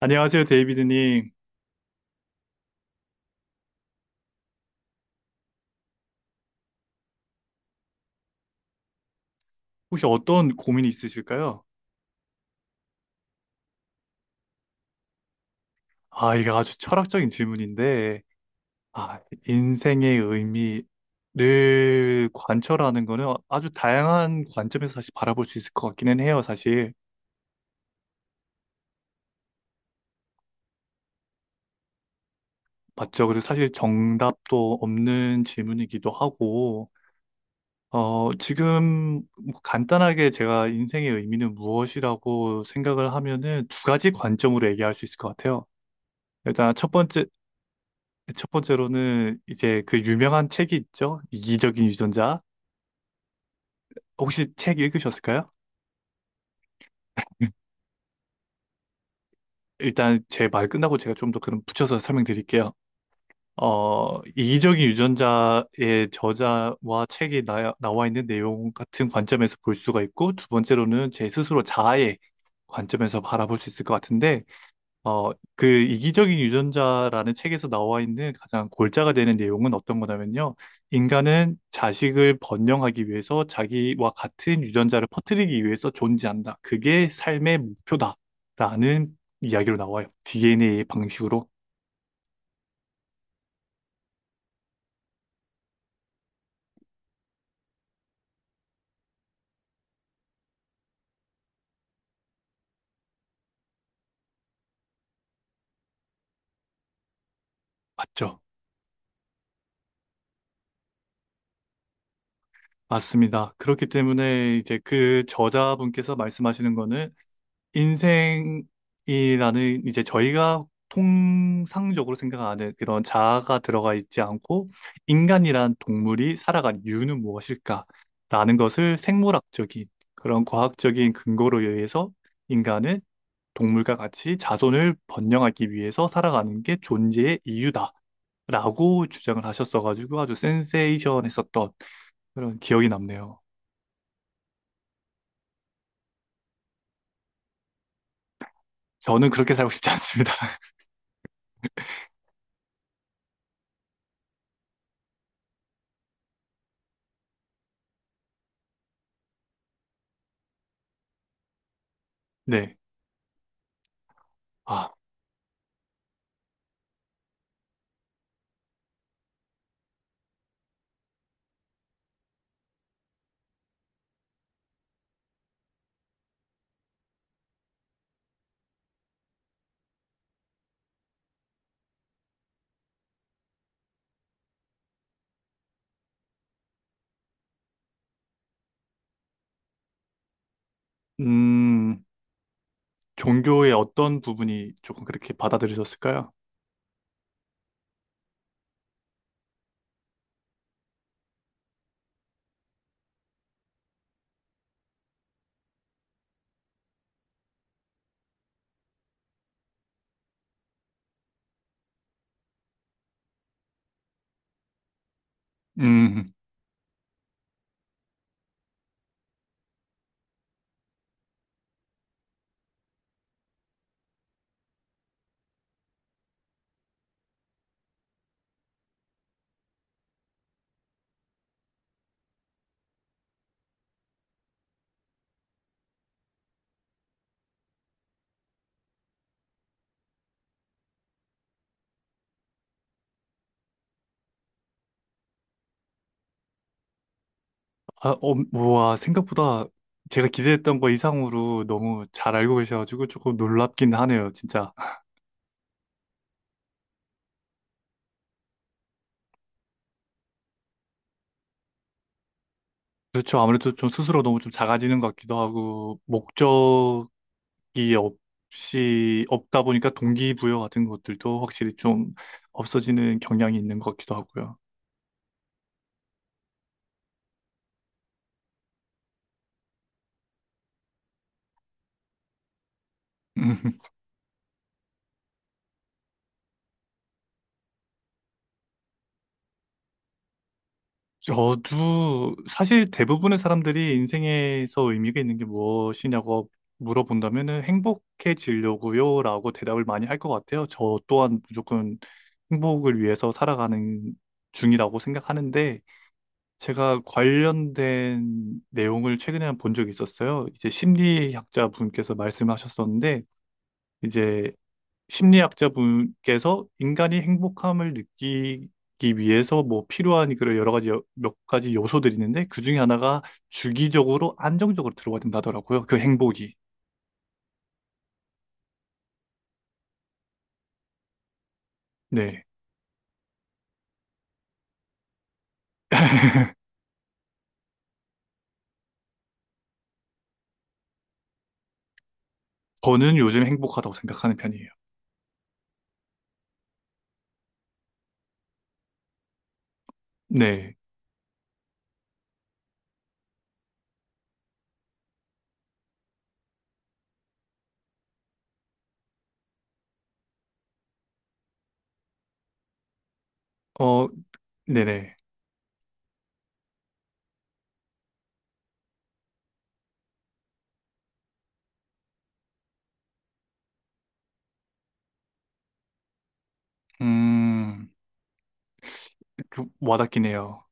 안녕하세요, 데이비드님. 혹시 어떤 고민이 있으실까요? 이게 아주 철학적인 질문인데, 아, 인생의 의미를 관철하는 거는 아주 다양한 관점에서 사실 바라볼 수 있을 것 같기는 해요, 사실. 맞죠? 그리고 사실 정답도 없는 질문이기도 하고, 지금 뭐 간단하게 제가 인생의 의미는 무엇이라고 생각을 하면은 두 가지 관점으로 얘기할 수 있을 것 같아요. 일단 첫 번째로는 이제 그 유명한 책이 있죠. 이기적인 유전자. 혹시 책 읽으셨을까요? 음. 일단 제 말 끝나고 제가 좀 더 그럼 붙여서 설명드릴게요. 이기적인 유전자의 저자와 책에 나와 있는 내용 같은 관점에서 볼 수가 있고, 두 번째로는 제 스스로 자아의 관점에서 바라볼 수 있을 것 같은데, 그 이기적인 유전자라는 책에서 나와 있는 가장 골자가 되는 내용은 어떤 거냐면요. 인간은 자식을 번영하기 위해서 자기와 같은 유전자를 퍼뜨리기 위해서 존재한다. 그게 삶의 목표다. 라는 이야기로 나와요. DNA의 방식으로. 맞죠? 맞습니다. 그렇기 때문에 이제 그 저자분께서 말씀하시는 거는 인생이라는 이제 저희가 통상적으로 생각하는 그런 자아가 들어가 있지 않고 인간이란 동물이 살아간 이유는 무엇일까라는 것을 생물학적인 그런 과학적인 근거로 의해서 인간은 동물과 같이 자손을 번영하기 위해서 살아가는 게 존재의 이유다라고 주장을 하셨어가지고 아주 센세이션했었던 그런 기억이 남네요. 저는 그렇게 살고 싶지 않습니다. 네. 아, 음. 종교의 어떤 부분이 조금 그렇게 받아들이셨을까요? 음, 아, 와, 생각보다 제가 기대했던 거 이상으로 너무 잘 알고 계셔가지고 조금 놀랍긴 하네요, 진짜. 그렇죠. 아무래도 좀 스스로 너무 좀 작아지는 것 같기도 하고, 목적이 없다 보니까 동기부여 같은 것들도 확실히 좀 없어지는 경향이 있는 것 같기도 하고요. 저도 사실 대부분의 사람들이 인생에서 의미가 있는 게 무엇이냐고 물어본다면은 행복해지려고요라고 대답을 많이 할 것 같아요. 저 또한 무조건 행복을 위해서 살아가는 중이라고 생각하는데 제가 관련된 내용을 최근에 한 본 적이 있었어요. 이제 심리학자 분께서 말씀하셨었는데 이제 심리학자분께서 인간이 행복함을 느끼기 위해서 뭐 필요한 그런 여러 가지 몇 가지 요소들이 있는데 그중에 하나가 주기적으로 안정적으로 들어와야 된다더라고요. 그 행복이. 네. 저는 요즘 행복하다고 생각하는 편이에요. 네. 어, 네네. 음, 좀 와닿기네요.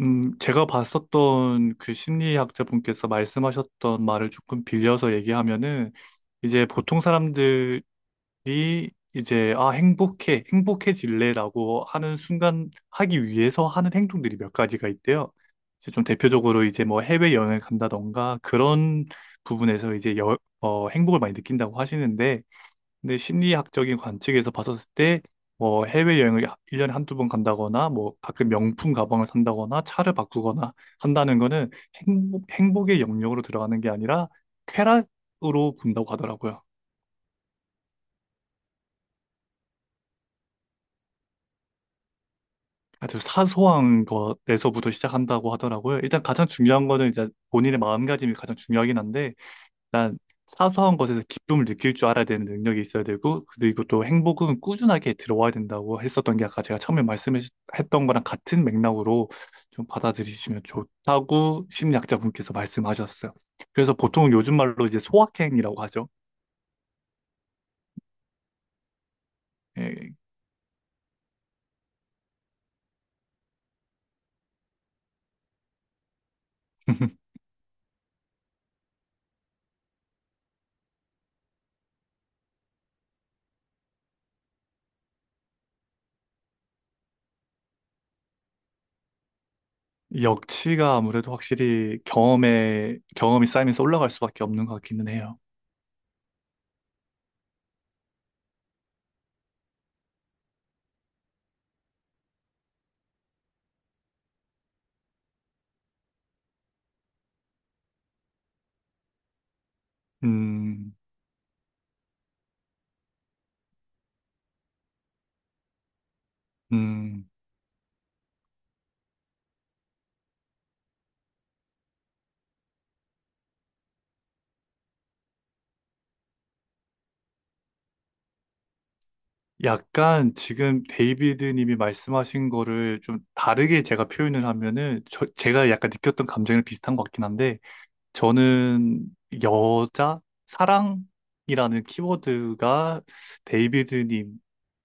제가 봤었던 그 심리학자분께서 말씀하셨던 말을 조금 빌려서 얘기하면은 이제 보통 사람들이 이 이제 아 행복해 행복해질래라고 하는 순간 하기 위해서 하는 행동들이 몇 가지가 있대요. 이제 좀 대표적으로 이제 뭐 해외 여행을 간다던가 그런 부분에서 이제 행복을 많이 느낀다고 하시는데 근데 심리학적인 관측에서 봤었을 때 뭐 해외 여행을 1년에 한두 번 간다거나 뭐 가끔 명품 가방을 산다거나 차를 바꾸거나 한다는 거는 행복의 영역으로 들어가는 게 아니라 쾌락으로 본다고 하더라고요. 아주 사소한 것에서부터 시작한다고 하더라고요. 일단 가장 중요한 거는 이제 본인의 마음가짐이 가장 중요하긴 한데, 난 사소한 것에서 기쁨을 느낄 줄 알아야 되는 능력이 있어야 되고, 그리고 또 행복은 꾸준하게 들어와야 된다고 했었던 게 아까 제가 처음에 말씀했던 거랑 같은 맥락으로 좀 받아들이시면 좋다고 심리학자분께서 말씀하셨어요. 그래서 보통 요즘 말로 이제 소확행이라고 하죠. 예. 역치가 아무래도 확실히 경험이 쌓이면서 올라갈 수밖에 없는 것 같기는 해요. 음, 음, 약간 지금 데이비드 님이 말씀하신 거를 좀 다르게 제가 표현을 하면은 제가 약간 느꼈던 감정이랑 비슷한 것 같긴 한데 저는 여자, 사랑이라는 키워드가 데이비드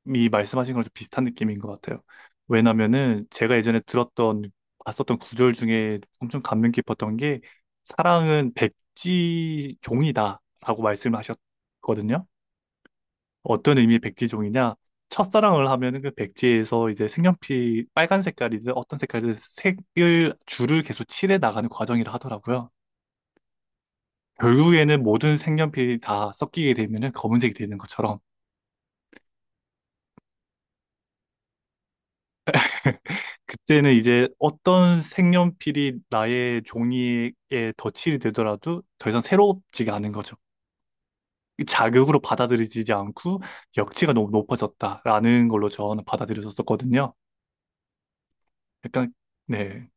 님이 말씀하신 거랑 좀 비슷한 느낌인 것 같아요. 왜냐면은 제가 예전에 봤었던 구절 중에 엄청 감명 깊었던 게 사랑은 백지 종이다라고 말씀을 하셨거든요. 어떤 의미의 백지종이냐? 첫사랑을 하면은 그 백지에서 이제 색연필 빨간 색깔이든 어떤 색깔이든 색을 줄을 계속 칠해 나가는 과정이라 하더라고요. 결국에는 모든 색연필이 다 섞이게 되면은 검은색이 되는 것처럼 그때는 이제 어떤 색연필이 나의 종이에 덧칠이 되더라도 더 이상 새롭지가 않은 거죠. 이 자극으로 받아들이지 않고 역치가 너무 높아졌다라는 걸로 저는 받아들였었거든요. 약간 네,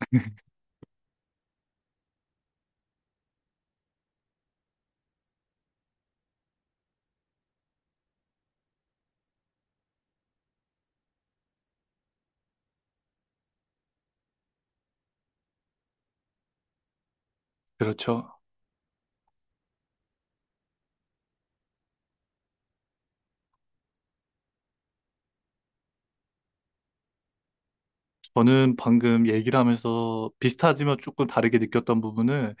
그렇죠. 저는 방금 얘기를 하면서 비슷하지만 조금 다르게 느꼈던 부분은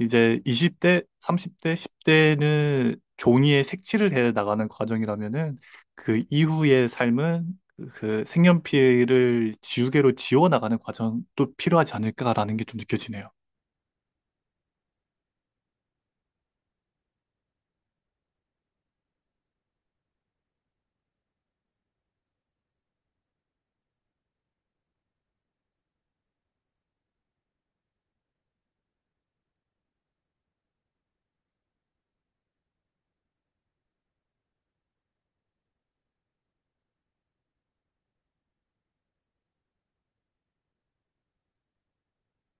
이제 20대, 30대, 10대는 종이에 색칠을 해 나가는 과정이라면은 그 이후의 삶은 그 색연필을 지우개로 지워 나가는 과정도 필요하지 않을까라는 게 좀 느껴지네요.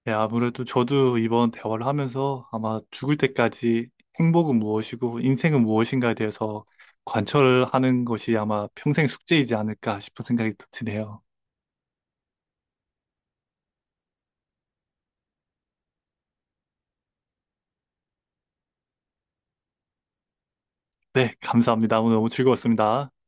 네, 아무래도 저도 이번 대화를 하면서 아마 죽을 때까지 행복은 무엇이고 인생은 무엇인가에 대해서 관철하는 것이 아마 평생 숙제이지 않을까 싶은 생각이 드네요. 네, 감사합니다. 오늘 너무 즐거웠습니다.